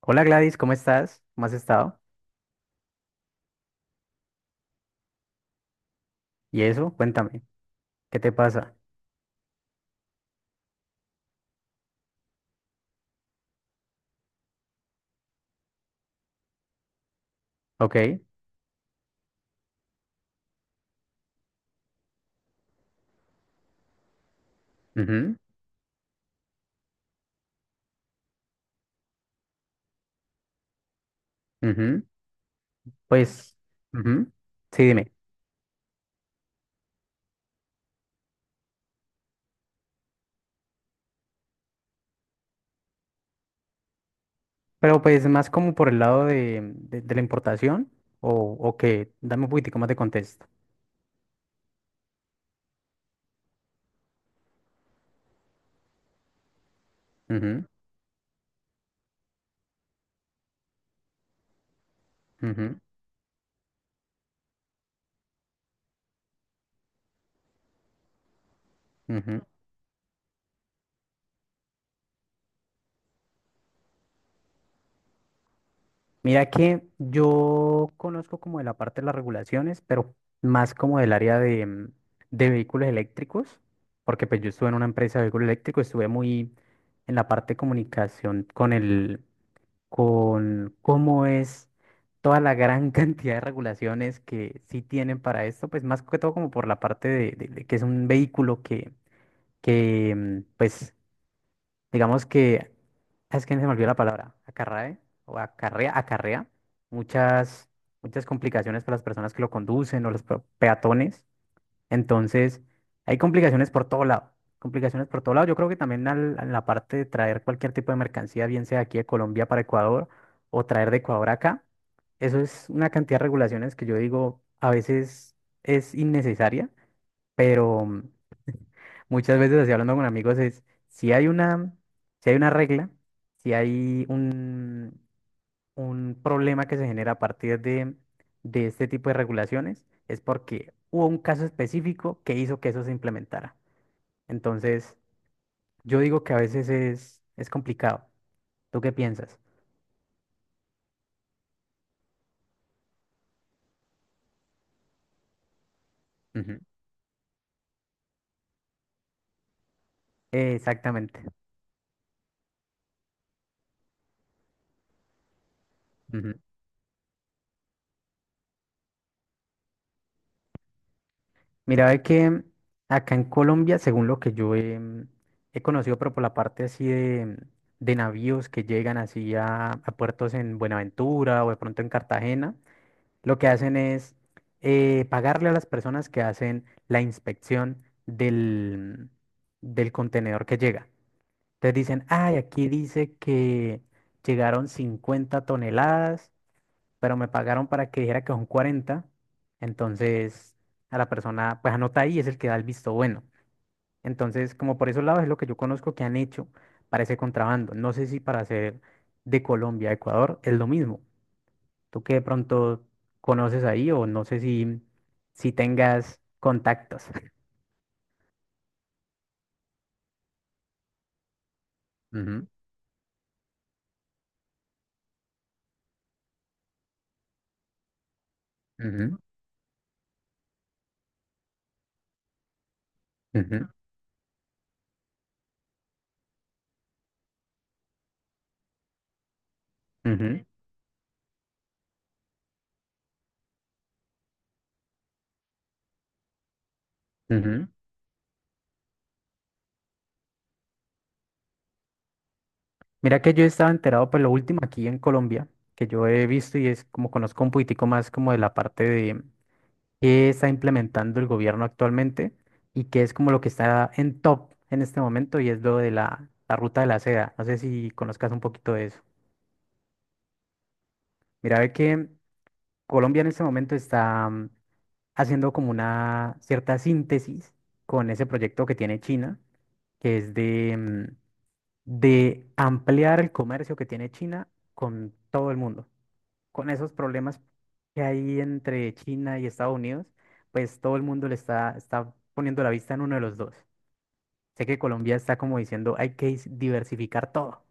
Hola Gladys, ¿cómo estás? ¿Cómo has estado? Y eso, cuéntame, ¿qué te pasa? Ok. Ujú, ujú. Pues, ujú. Sí, dime. Pero pues más como por el lado de, de la importación o, o qué, dame un poquitico más de contexto. Ujú, ujú, ujú. Mira que yo conozco como de la parte de las regulaciones, pero más como del área de, de vehículos eléctricos, porque pues yo estuve en una empresa de vehículos eléctricos, estuve muy en la parte de comunicación con cómo es toda la gran cantidad de regulaciones que sí tienen para esto, pues más que todo como por la parte de, de que es un vehículo que pues digamos que, es que se me olvidó la palabra, acarrae o acarrea, acarrea muchas, muchas complicaciones para las personas que lo conducen o los peatones. Entonces, hay complicaciones por todo lado. Complicaciones por todo lado. Yo creo que también en la parte de traer cualquier tipo de mercancía, bien sea aquí de Colombia para Ecuador o traer de Ecuador acá, eso es una cantidad de regulaciones que yo digo a veces es innecesaria, pero muchas veces así hablando con amigos es si hay una, si hay una regla, si hay un problema que se genera a partir de, este tipo de regulaciones es porque hubo un caso específico que hizo que eso se implementara. Entonces, yo digo que a veces es complicado. ¿Tú qué piensas? Ujú. Exactamente. Ujú. Mira, ve que acá en Colombia, según lo que yo he conocido, pero por la parte así de, navíos que llegan así a puertos en Buenaventura o de pronto en Cartagena, lo que hacen es pagarle a las personas que hacen la inspección del contenedor que llega. Entonces dicen, ay, aquí dice que llegaron 50 toneladas, pero me pagaron para que dijera que son 40. Entonces a la persona, pues anota ahí, es el que da el visto bueno. Entonces, como por esos lados es lo que yo conozco que han hecho para ese contrabando. No sé si para hacer de Colombia a Ecuador es lo mismo, tú qué de pronto conoces ahí o no sé si tengas contactos. Ujú, ujú, ujú, ujú, ujú. Mira que yo estaba enterado pues lo último aquí en Colombia, que yo he visto y es como conozco un poquitico más como de la parte de qué está implementando el gobierno actualmente y qué es como lo que está en top en este momento y es lo de la ruta de la seda. No sé si conozcas un poquito de eso. Mira, ve que Colombia en este momento está haciendo como una cierta síntesis con ese proyecto que tiene China, que es de, de ampliar el comercio que tiene China con todo el mundo. Con esos problemas que hay entre China y Estados Unidos, pues todo el mundo le está poniendo la vista en uno de los dos. Sé que Colombia está como diciendo, hay que diversificar todo.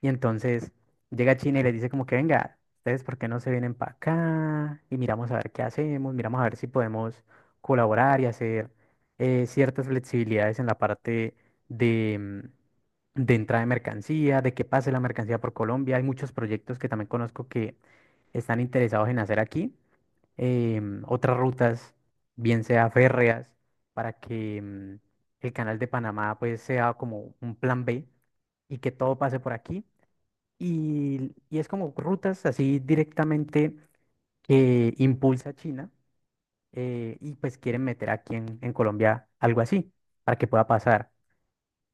Y entonces llega China y les dice como que venga, ustedes por qué no se vienen para acá y miramos a ver qué hacemos, miramos a ver si podemos colaborar y hacer ciertas flexibilidades en la parte de, de entrada de mercancía, de que pase la mercancía por Colombia. Hay muchos proyectos que también conozco que están interesados en hacer aquí, otras rutas, bien sea férreas, para que el canal de Panamá pues sea como un plan B y que todo pase por aquí y es como rutas así directamente que impulsa China y pues quieren meter aquí en Colombia algo así para que pueda pasar.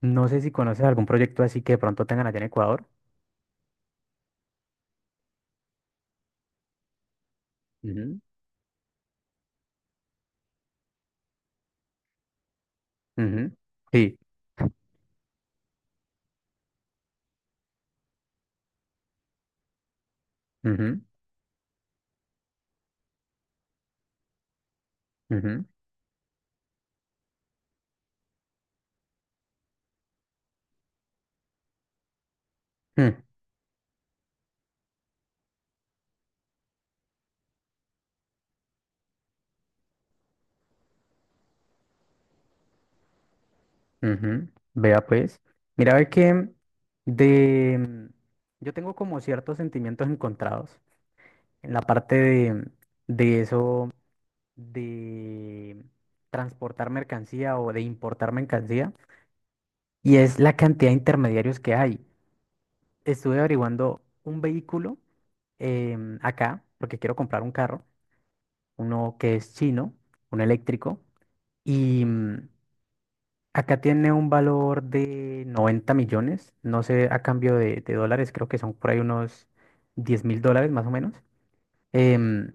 No sé si conoces algún proyecto así que de pronto tengan allá en Ecuador. Ujú. Ujú, sí, ujú, ujú, mm, ujú. Vea pues. Mira, ve que de... mm, yo tengo como ciertos sentimientos encontrados en la parte de, eso, de transportar mercancía o de importar mercancía, y es la cantidad de intermediarios que hay. Estuve averiguando un vehículo acá porque quiero comprar un carro, uno que es chino, un eléctrico, y acá tiene un valor de 90 millones, no sé, a cambio de, dólares, creo que son por ahí unos 10.000 dólares más o menos. em,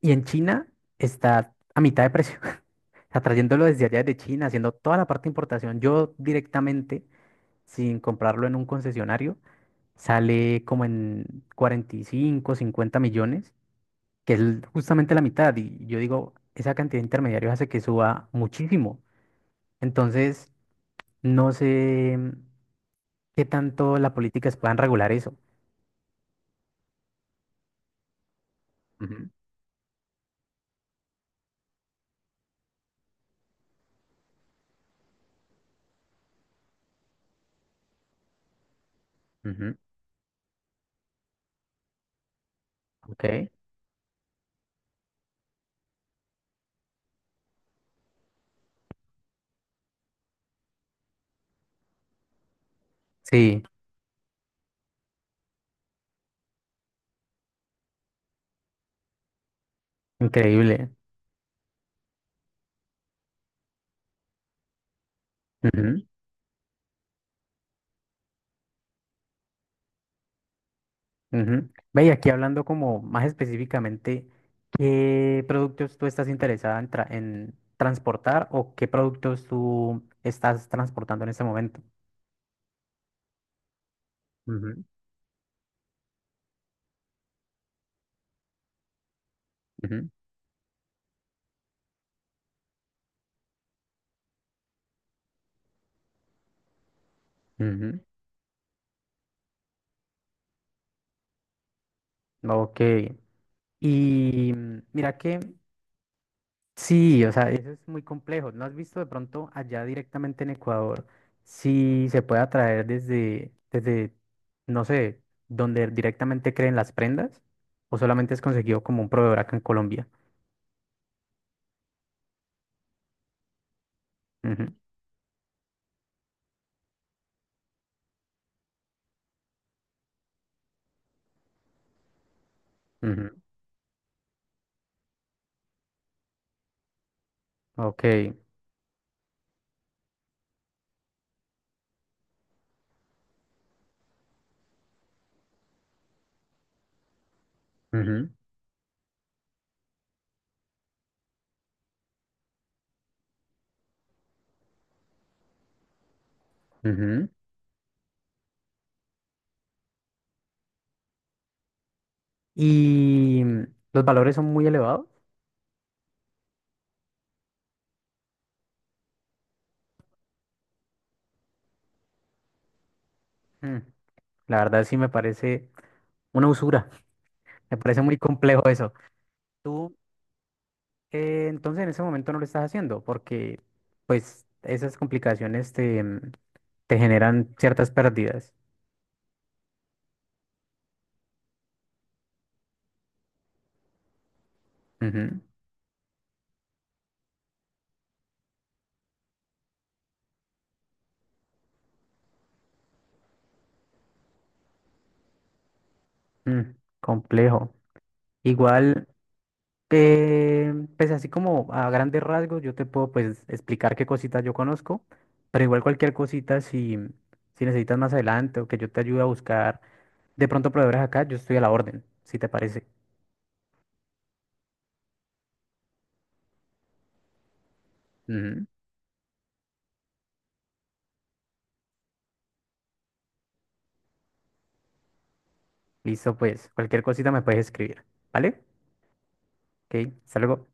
y en China está a mitad de precio. O sea, trayéndolo desde allá de China, haciendo toda la parte de importación, yo directamente, sin comprarlo en un concesionario, sale como en 45, 50 millones, que es justamente la mitad. Y yo digo, esa cantidad de intermediarios hace que suba muchísimo. Entonces, no sé qué tanto las políticas puedan regular eso. Ujú, ujú. Ok. Sí, increíble. Ujú. Ve, y aquí hablando como más específicamente, ¿qué productos tú estás interesada en, en transportar, o qué productos tú estás transportando en este momento? Ujú. Ujú, ujú. Ok. Y mira que sí, o sea, eso es muy complejo. ¿No has visto de pronto allá directamente en Ecuador si se puede traer no sé, donde directamente creen las prendas, o solamente es conseguido como un proveedor acá en Colombia? Ujú, ok, ujú, ujú. Y los valores son muy elevados. Mm, La verdad sí me parece una usura. Me parece muy complejo eso. Tú, entonces en ese momento no lo estás haciendo porque pues esas complicaciones te generan ciertas pérdidas. Ujú, mm, complejo. Igual. Pues así como a grandes rasgos, yo te puedo pues explicar qué cositas yo conozco, pero igual cualquier cosita si necesitas más adelante, o que yo te ayude a buscar de pronto proveedores acá, yo estoy a la orden, si te parece. Ujú. Listo, pues cualquier cosita me puedes escribir, ¿vale? Ok, hasta luego.